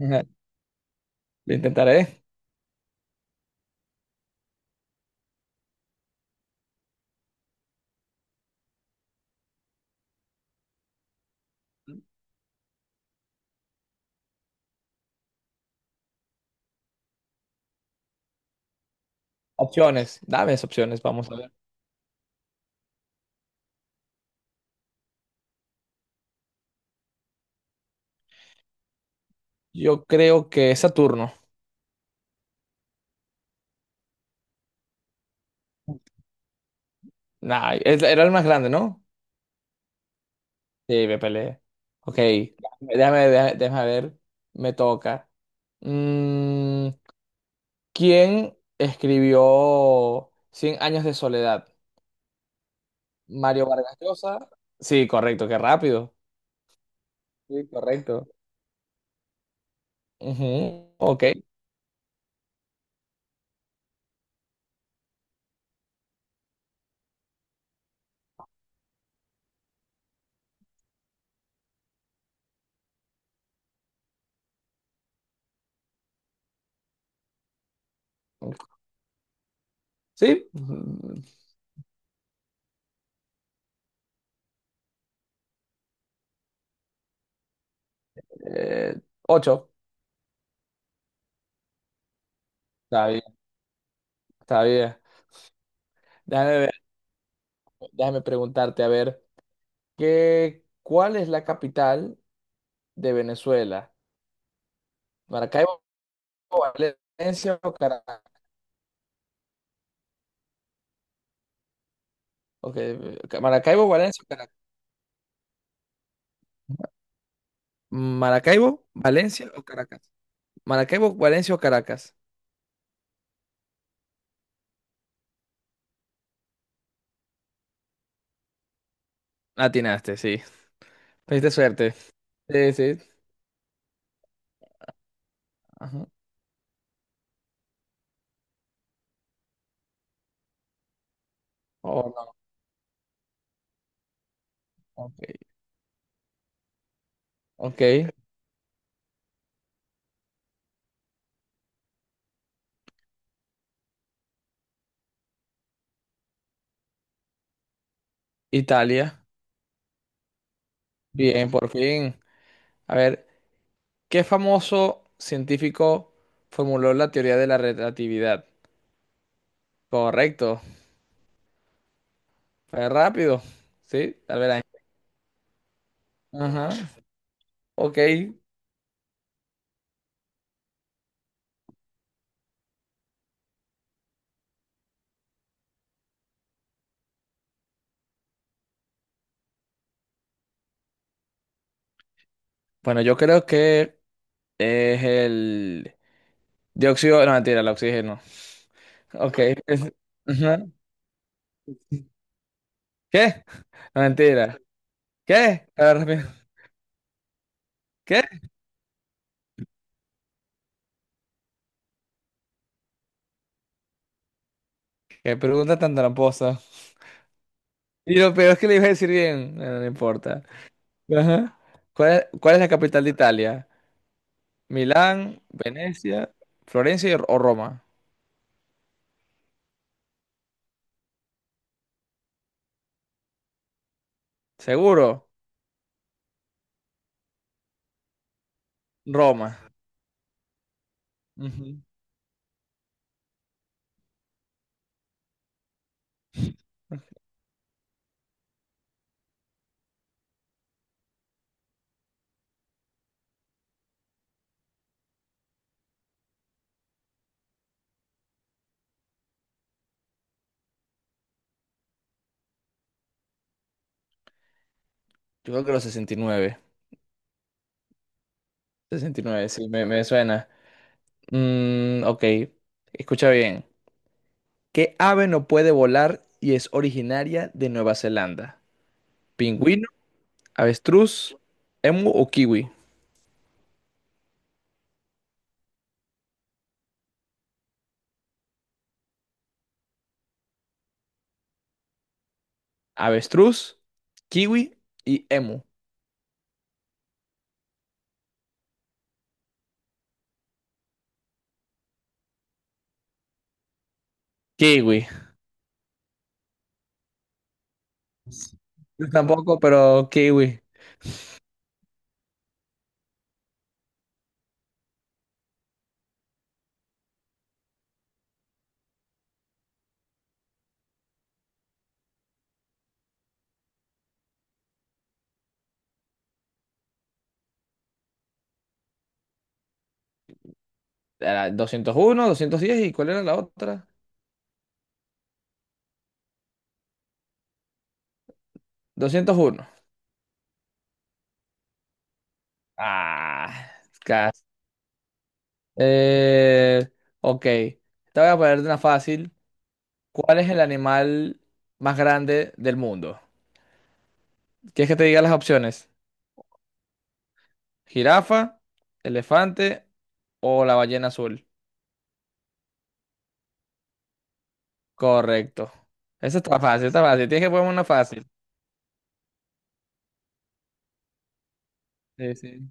Ajá, lo intentaré. Opciones. Dame esas opciones, vamos a ver. Yo creo que es Saturno. Nah, era el más grande, ¿no? Sí, me peleé. Ok, déjame ver. Me toca. Mm, ¿Quién escribió Cien años de soledad? Mario Vargas Llosa. Sí, correcto, qué rápido. Sí, correcto. Ujú. Ok. Sí. Eh, Ocho. Está bien, está bien. Déjame Déjame preguntarte, a ver, cuál es la capital de Venezuela? ¿Maracaibo, Valencia o Caracas? Ok, Maracaibo, Valencia o Caracas. Maracaibo, Valencia o Caracas. Maracaibo, Valencia o Caracas. Atinaste, sí. Tuviste suerte. Sí, sí. Ajá. Oh, no. Ok. Ok. Italia. Bien, por fin. A ver, ¿qué famoso científico formuló la teoría de la relatividad? Correcto. Fue rápido. Sí, tal vez. Ajá. Ok. Bueno, yo creo que es el dióxido. No, mentira, el oxígeno. Ok. es- Ajá. ¿Qué? No, mentira. ¿Qué? A ver, rápido. ¿Qué? Qué pregunta tan tramposa. Y lo peor es que le iba a decir bien. Bueno, no importa. Ajá. ¿Cuál es la capital de Italia? ¿Milán, Venecia, Florencia o Roma? Seguro, Roma. Ujú. Yo creo que los 69. 69, sí, me suena. Ok, escucha bien. ¿Qué ave no puede volar y es originaria de Nueva Zelanda? ¿Pingüino, avestruz, emu o kiwi? Avestruz, kiwi y emu. Kiwi. Yo tampoco, pero kiwi. Era 201, 210, ¿y cuál era la otra? 201. Ah, casi. Eh, ok, te voy a poner una fácil. ¿Cuál es el animal más grande del mundo? ¿Quieres que te diga las opciones? ¿Jirafa, elefante o la ballena azul? Correcto. Eso está fácil, está fácil. Tienes que ponerme una fácil. Sí, sí.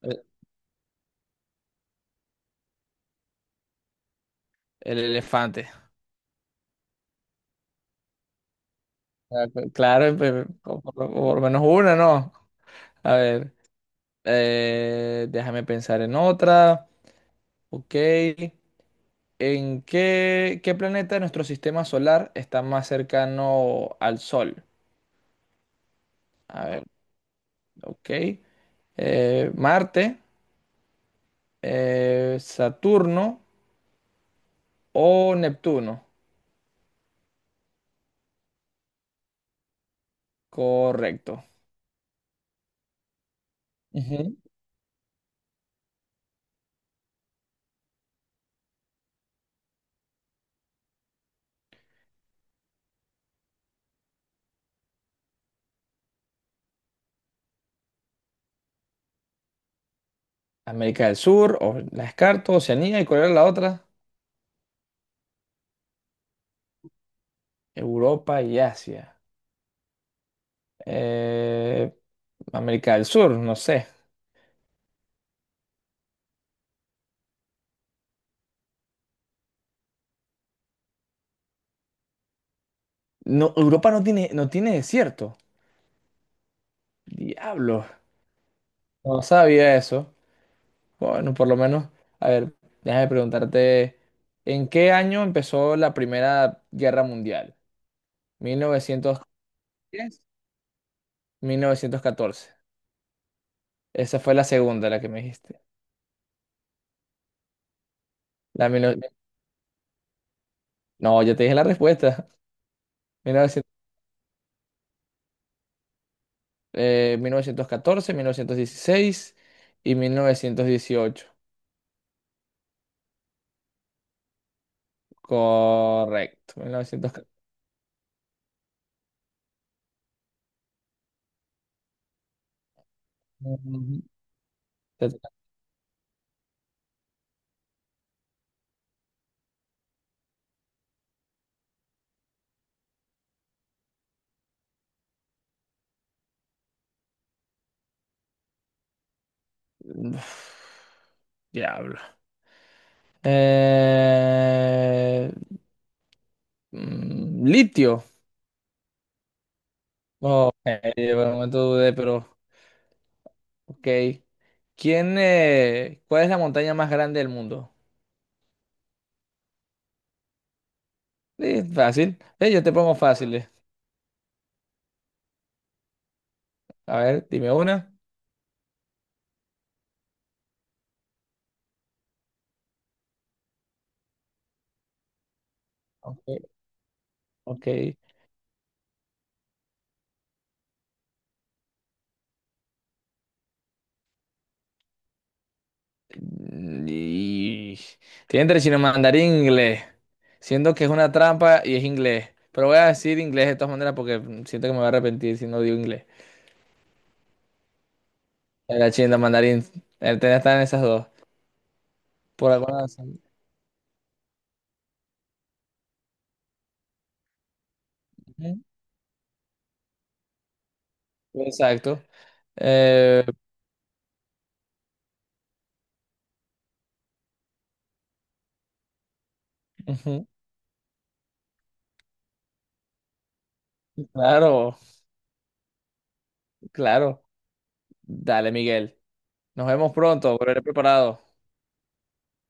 El, el elefante. Ah, claro, por lo menos una, ¿no? A ver, déjame pensar en otra. Ok. ¿Qué planeta de nuestro sistema solar está más cercano al Sol? A ver, ok. Marte, Saturno o Neptuno. Correcto. Ujú. América del Sur, o la descarto, Oceanía, ¿y cuál era la otra? Europa y Asia. Eh, América del Sur, no sé. No, Europa no tiene, desierto. Diablo. No sabía eso. Bueno, por lo menos. A ver, déjame preguntarte, ¿en qué año empezó la Primera Guerra Mundial? ¿1910? ¿1914? Esa fue la segunda, la que me dijiste. La mil- No, ya te dije la respuesta. 1900, 1914, 1916 y 1918. Correcto. 1914. Ujú. Uf, diablo. Eh, Litio. Oh, por un momento dudé, pero ok. Cuál es la montaña más grande del mundo? Sí, fácil. Yo te pongo fácil. A ver, dime una. Ok. Ok. Y... Tiene entre chino mandarín e inglés. Siento que es una trampa y es inglés. Pero voy a decir inglés de todas maneras porque siento que me voy a arrepentir si no digo inglés. Era chino mandarín. El tema está en esas dos. Por alguna razón. Ujú. Exacto. Eh, Ujú. Claro, claro. Dale, Miguel. Nos vemos pronto. Volveré preparado.